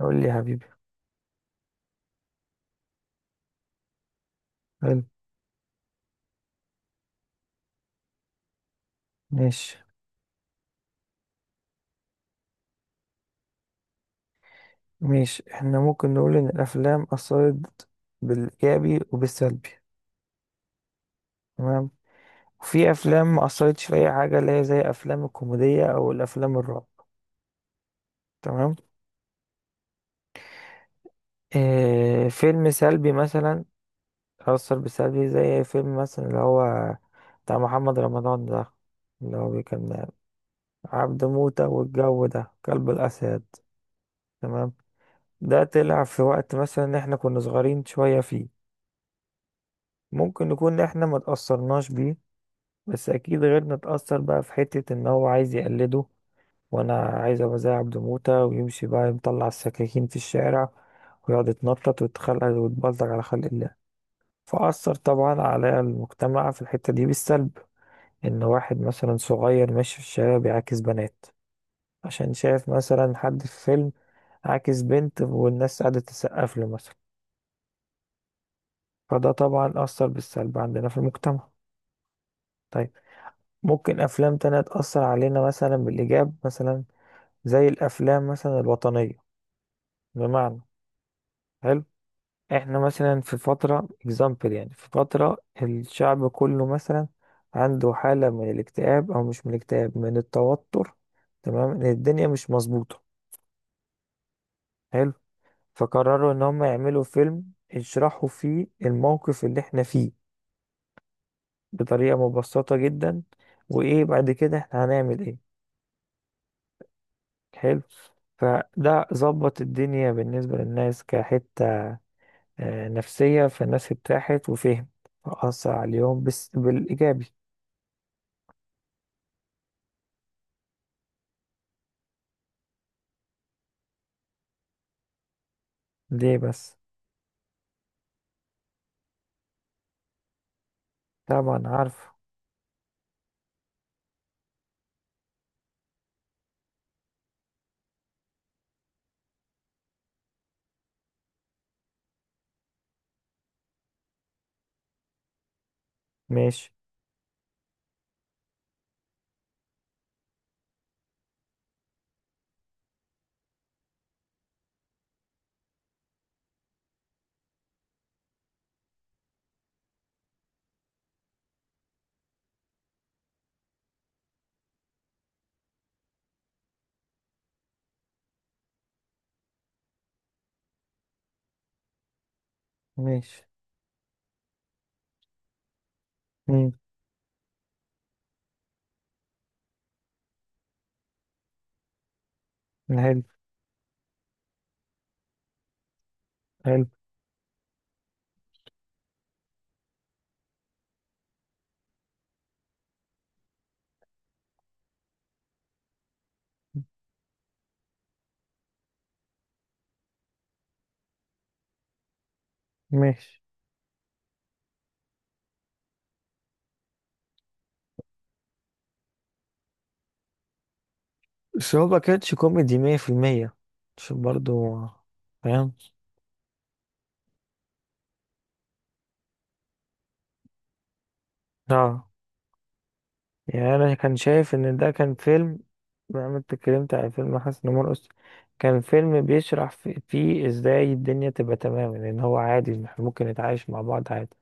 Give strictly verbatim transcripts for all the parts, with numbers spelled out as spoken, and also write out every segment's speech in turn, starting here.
قول لي يا حبيبي. حلو. ماشي. ماشي، احنا ممكن نقول ان الافلام اثرت بالايجابي وبالسلبي. تمام. وفي افلام ما اثرتش في اي حاجه، اللي هي زي افلام الكوميديه او الافلام الرعب. تمام. اه، فيلم سلبي مثلا اثر بالسلبي، زي فيلم مثلا اللي هو بتاع محمد رمضان ده، اللي هو كان عبد موتة والجو ده كلب الاسد. تمام. ده طلع في وقت مثلا احنا كنا صغيرين شويه، فيه ممكن نكون احنا ما تأثرناش بيه، بس اكيد غيرنا اتأثر بقى في حتة ان هو عايز يقلده، وانا عايز ابقى زي عبد موتة ويمشي بقى مطلع السكاكين في الشارع، ويقعد يتنطط ويتخلق ويتبلطج على خلق الله. فأثر طبعا على المجتمع في الحتة دي بالسلب، ان واحد مثلا صغير ماشي في الشارع بيعاكس بنات عشان شايف مثلا حد في فيلم عاكس بنت والناس قاعدة تسقف له مثلا. فده طبعا أثر بالسلب عندنا في المجتمع. طيب، ممكن أفلام تانية تأثر علينا مثلا بالإيجاب مثلا، زي الأفلام مثلا الوطنية. بمعنى، حلو، إحنا مثلا في فترة example، يعني في فترة الشعب كله مثلا عنده حالة من الاكتئاب، أو مش من الاكتئاب من التوتر. تمام، إن الدنيا مش مظبوطة. حلو. فقرروا إن هم يعملوا فيلم يشرحوا فيه الموقف اللي إحنا فيه بطريقة مبسطة جدا، وإيه بعد كده إحنا هنعمل إيه. حلو. فده ظبط الدنيا بالنسبة للناس كحتة آه، نفسية، فالناس ارتاحت وفهم، فأثر عليهم بس بالإيجابي. ليه بس. طبعا عارفه. ماشي. ماشي. مم. حلو. حلو. ماشي. بس هو ما كانش كوميدي مية في المية، عشان برضه فاهم. اه. يعني انا كان شايف ان ده كان فيلم. بما إنك اتكلمت عن فيلم حسن مرقص، كان فيلم بيشرح في- فيه ازاي الدنيا تبقى تمام، لان هو عادي إن احنا ممكن نتعايش مع بعض عادي.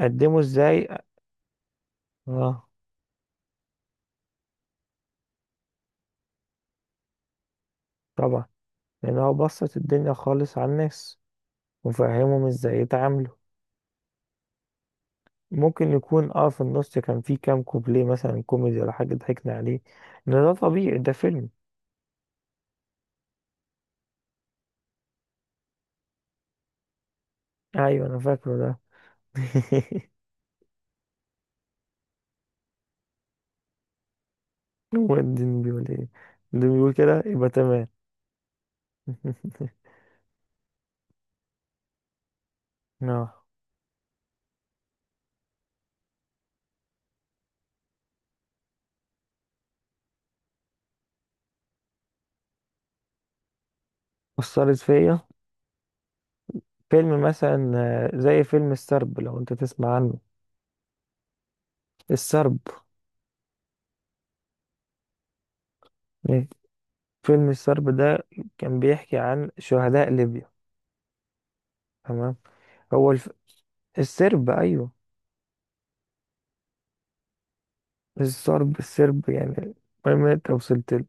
قدمه ازاي. اه. طبعا، لان هو بسط الدنيا خالص على الناس وفهمهم ازاي يتعاملوا. ممكن يكون اه في النص كان فيه كام كوبليه مثلا كوميدي ولا حاجة ضحكنا عليه، ان ده طبيعي، ده فيلم. ايوه، انا فاكره ده. هو الدين بيقول ايه. الدين بيقول كده يبقى تمام. اه. أثرت فيا. فيلم مثلا آه، زي فيلم السرب لو انت تسمع عنه. السرب. إيه؟ فيلم السرب ده كان بيحكي عن شهداء ليبيا. تمام. هو الف... السرب، ايوه. السرب، السرب يعني. المهم انت وصلت له.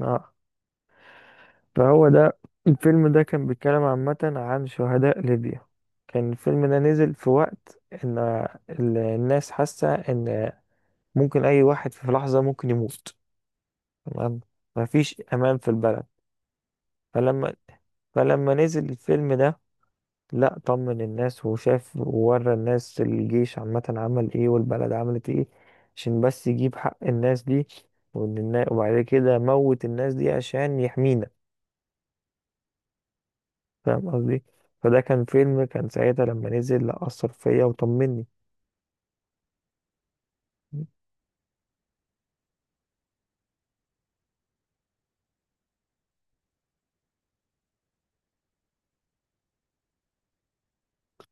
اه. فهو ده الفيلم ده كان بيتكلم عامة عن شهداء ليبيا. كان الفيلم ده نزل في وقت ان ال- الناس حاسة ان ممكن اي واحد في لحظة ممكن يموت. تمام. مفيش امان في البلد. فلما فلما نزل الفيلم ده، لا طمن الناس وشاف وورى الناس الجيش عامة عمل ايه والبلد عملت ايه، عشان بس يجيب حق الناس دي، وإن النا- وبعد كده موت الناس دي عشان يحمينا. فاهم قصدي. فده كان فيلم كان ساعتها لما نزل، لا، أثر فيا وطمني.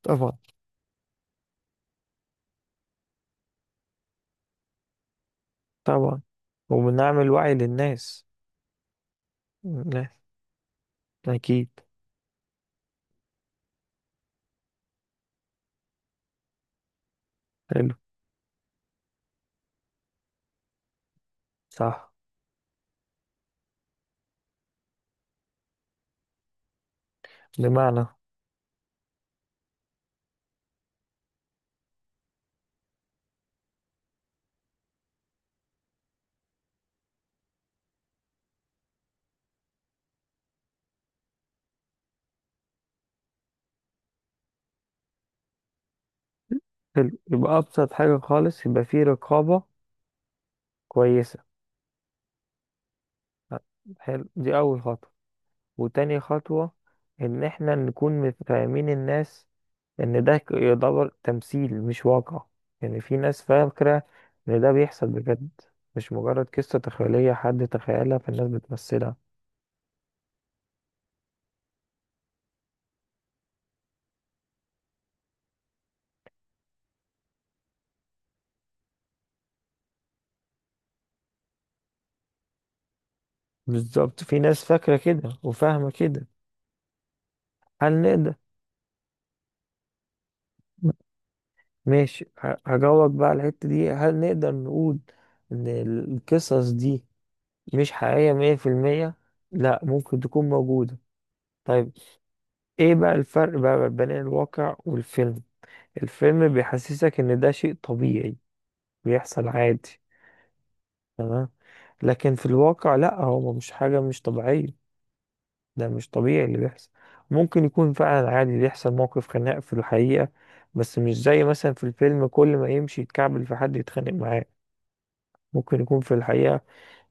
طبعا. طبعا وبنعمل وعي للناس. لا. أكيد. حلو. صح. بمعنى، حلو، يبقى أبسط حاجة خالص يبقى فيه رقابة كويسة. حلو، دي أول خطوة. وتاني خطوة إن إحنا نكون مت- فاهمين الناس إن ده ك- يعتبر تمثيل مش واقع. يعني في ناس فاكرة إن ده بيحصل بجد، مش مجرد قصة تخيلية حد تخيلها فالناس بتمثلها. بالظبط، في ناس فاكرة كده وفاهمة كده. هل نقدر. ماشي، ه- هجاوبك بقى على الحتة دي. هل نقدر نقول إن القصص دي مش حقيقية مية في المية؟ لأ، ممكن تكون موجودة. طيب، ايه بقى الفرق بقى بين الواقع والفيلم. الفيلم بيحسسك ان ده شيء طبيعي بيحصل عادي. تمام. لكن في الواقع لا، هو مش حاجة مش طبيعية. ده مش طبيعي اللي بيحصل. ممكن يكون فعلا عادي بيحصل موقف خناق في الحقيقة، بس مش زي مثلا في الفيلم كل ما يمشي يتكعبل في حد يتخانق معاه. ممكن يكون في الحقيقة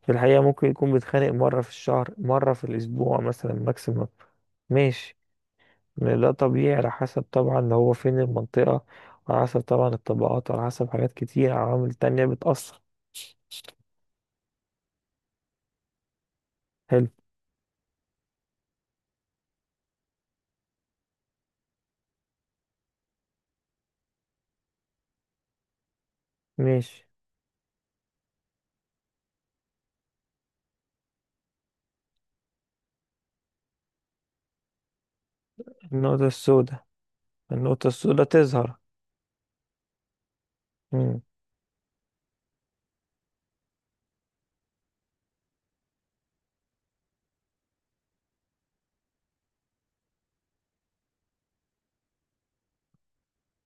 في الحقيقة ممكن يكون بيتخانق مرة في الشهر، مرة في الأسبوع مثلا ماكسيموم. ماشي. لا، طبيعي على حسب طبعا هو فين المنطقة، على حسب طبعا الطبقات، على حسب حاجات كتير عوامل تانية بتأثر. حلو. ماشي. النقطة السوداء. النقطة السوداء تظهر. مم.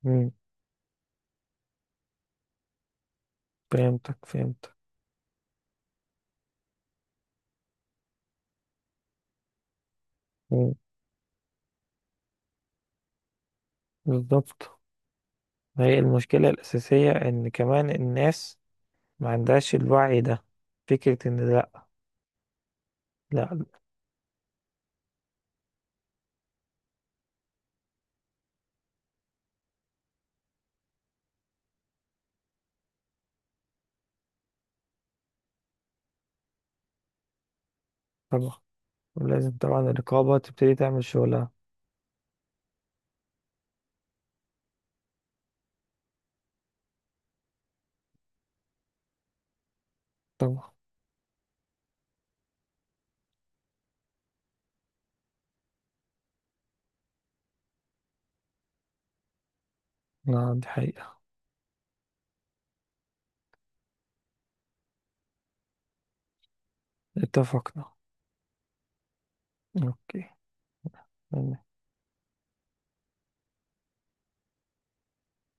مم. فهمتك. فهمتك. مم. بالظبط. ما هي المشكلة الأساسية إن كمان الناس ما عندهاش الوعي ده، فكرة إن لأ. لأ. طبعا. ولازم طبعا الرقابة تبتدي تعمل شغلها. طبعا. نعم، دي حقيقة. اتفقنا. أوكي.